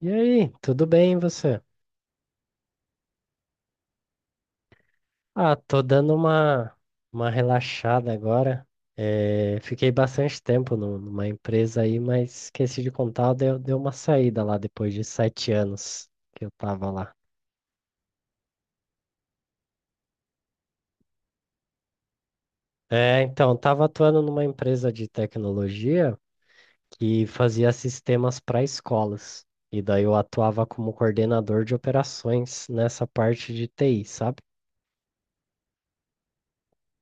E aí, tudo bem, e você? Ah, tô dando uma relaxada agora. Fiquei bastante tempo numa empresa aí, mas esqueci de contar, deu uma saída lá depois de 7 anos que eu tava lá. É, então, tava atuando numa empresa de tecnologia que fazia sistemas para escolas. E daí eu atuava como coordenador de operações nessa parte de TI, sabe?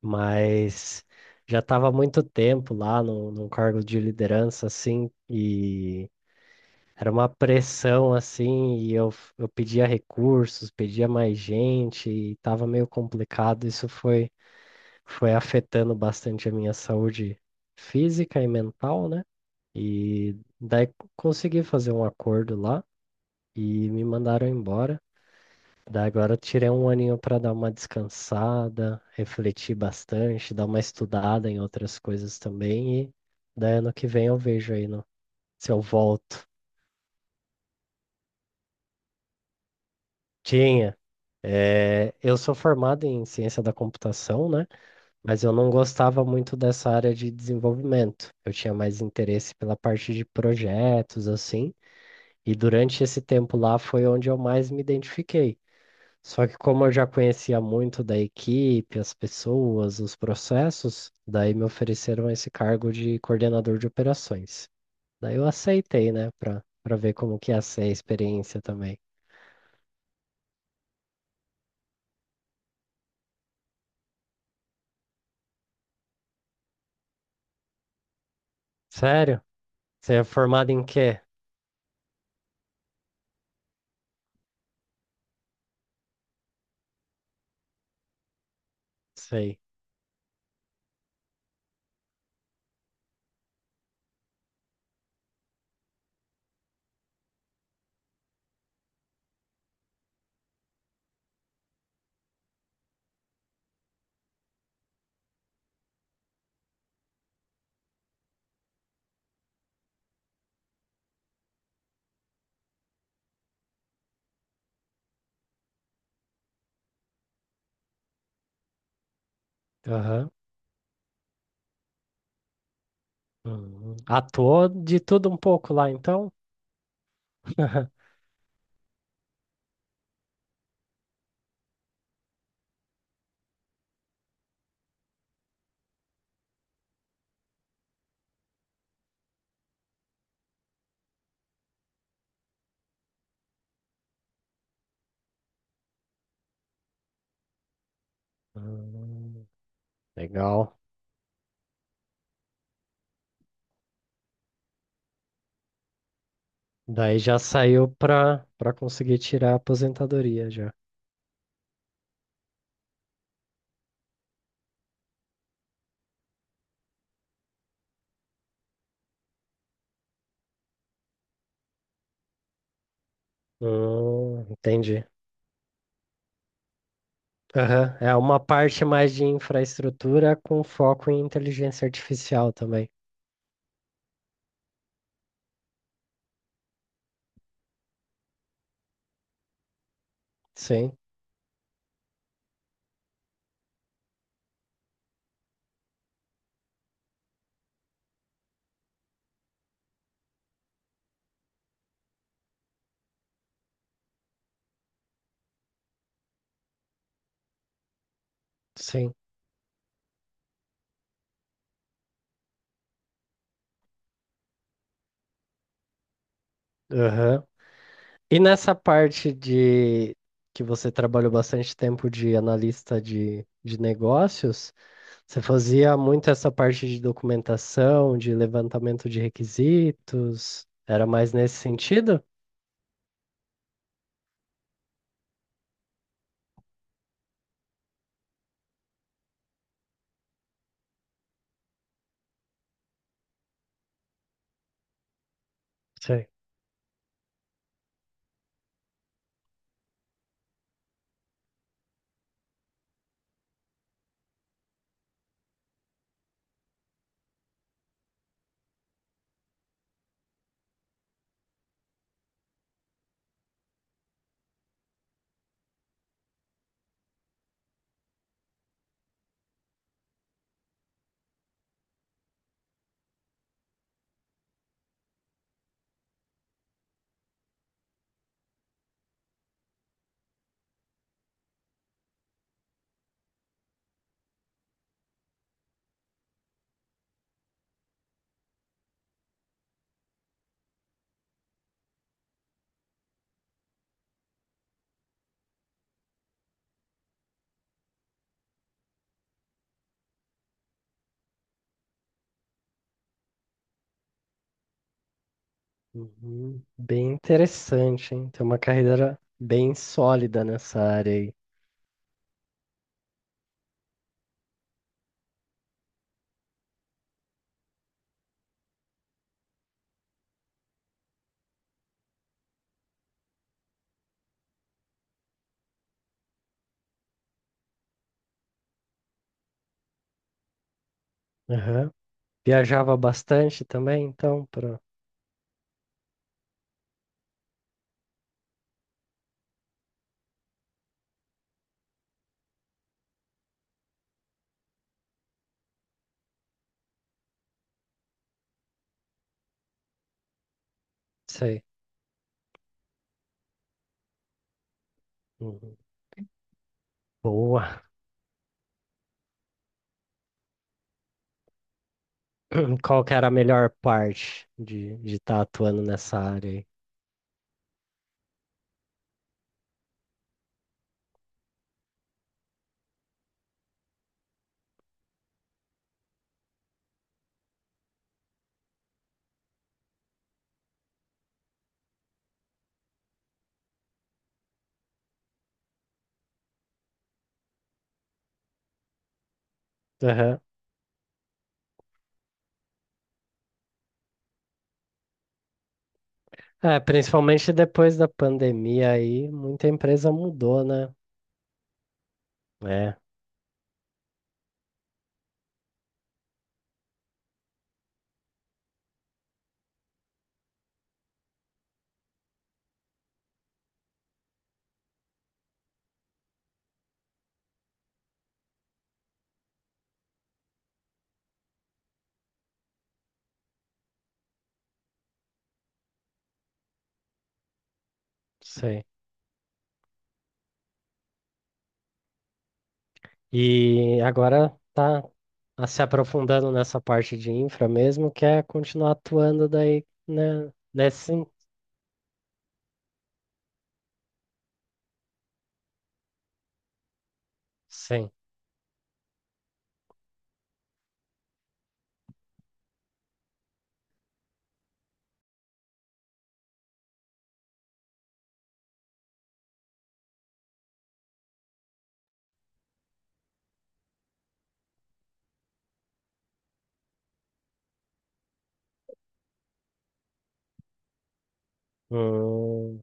Mas já estava há muito tempo lá no, num cargo de liderança, assim, e era uma pressão, assim, e eu pedia recursos, pedia mais gente, e estava meio complicado. Isso foi afetando bastante a minha saúde física e mental, né? E daí consegui fazer um acordo lá e me mandaram embora. Daí agora eu tirei um aninho para dar uma descansada, refletir bastante, dar uma estudada em outras coisas também. E daí ano que vem eu vejo aí se eu volto. Tinha. É, eu sou formado em ciência da computação, né? Mas eu não gostava muito dessa área de desenvolvimento. Eu tinha mais interesse pela parte de projetos, assim. E durante esse tempo lá foi onde eu mais me identifiquei. Só que como eu já conhecia muito da equipe, as pessoas, os processos, daí me ofereceram esse cargo de coordenador de operações. Daí eu aceitei, né, para ver como que ia ser a experiência também. Sério? Você é formado em quê? Sei. Aham. Uhum. Atuou de tudo um pouco lá, então? Hum. Legal. Daí já saiu para conseguir tirar a aposentadoria já. Entendi. Aham. É uma parte mais de infraestrutura com foco em inteligência artificial também. Sim, sim. Aham. E nessa parte de que você trabalhou bastante tempo de analista de negócios, você fazia muito essa parte de documentação, de levantamento de requisitos? Era mais nesse sentido? Sim. Uhum. Bem interessante, hein? Tem uma carreira bem sólida nessa área aí. Viajava bastante também, então, para. Sei. Uhum. Boa. Qual que era a melhor parte de estar atuando nessa área aí? Aham. É, principalmente depois da pandemia aí, muita empresa mudou, né? É, sei. E agora tá se aprofundando nessa parte de infra mesmo, que é continuar atuando daí, né? Nesse, sim. Hum.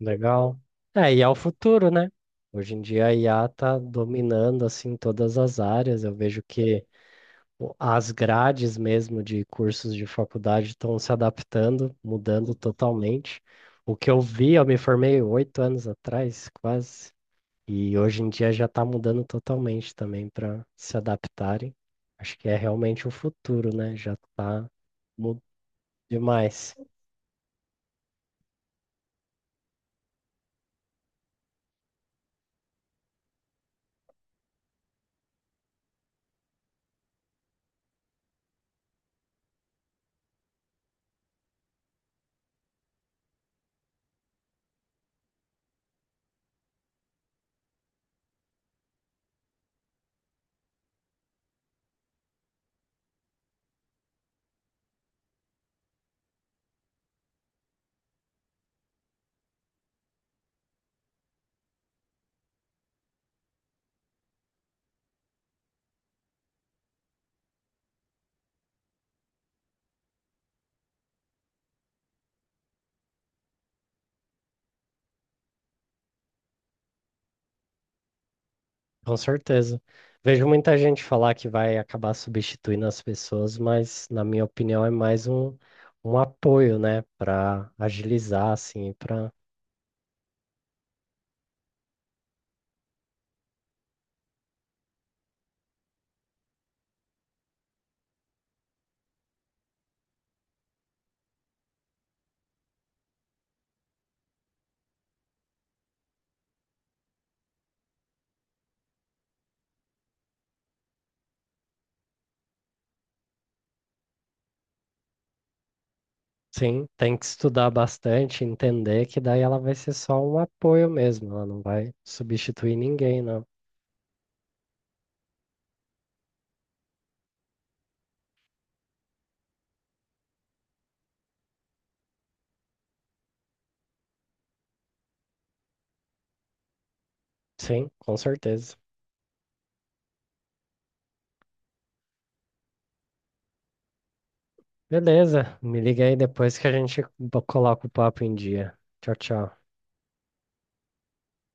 Legal. É, e é o futuro, né? Hoje em dia a IA tá dominando assim todas as áreas. Eu vejo que o- as grades mesmo de cursos de faculdade estão se adaptando, mudando totalmente. O que eu vi, eu me formei 8 anos atrás, quase, e hoje em dia já está mudando totalmente também para se adaptarem. Acho que é realmente o futuro, né? Já está demais. Com certeza. Vejo muita gente falar que vai acabar substituindo as pessoas, mas na minha opinião é mais um apoio, né, para agilizar assim, para. Sim, tem que estudar bastante, entender que daí ela vai ser só um apoio mesmo, ela não vai substituir ninguém, não. Sim, com certeza. Beleza, me liga aí depois que a gente coloca o papo em dia. Tchau, tchau.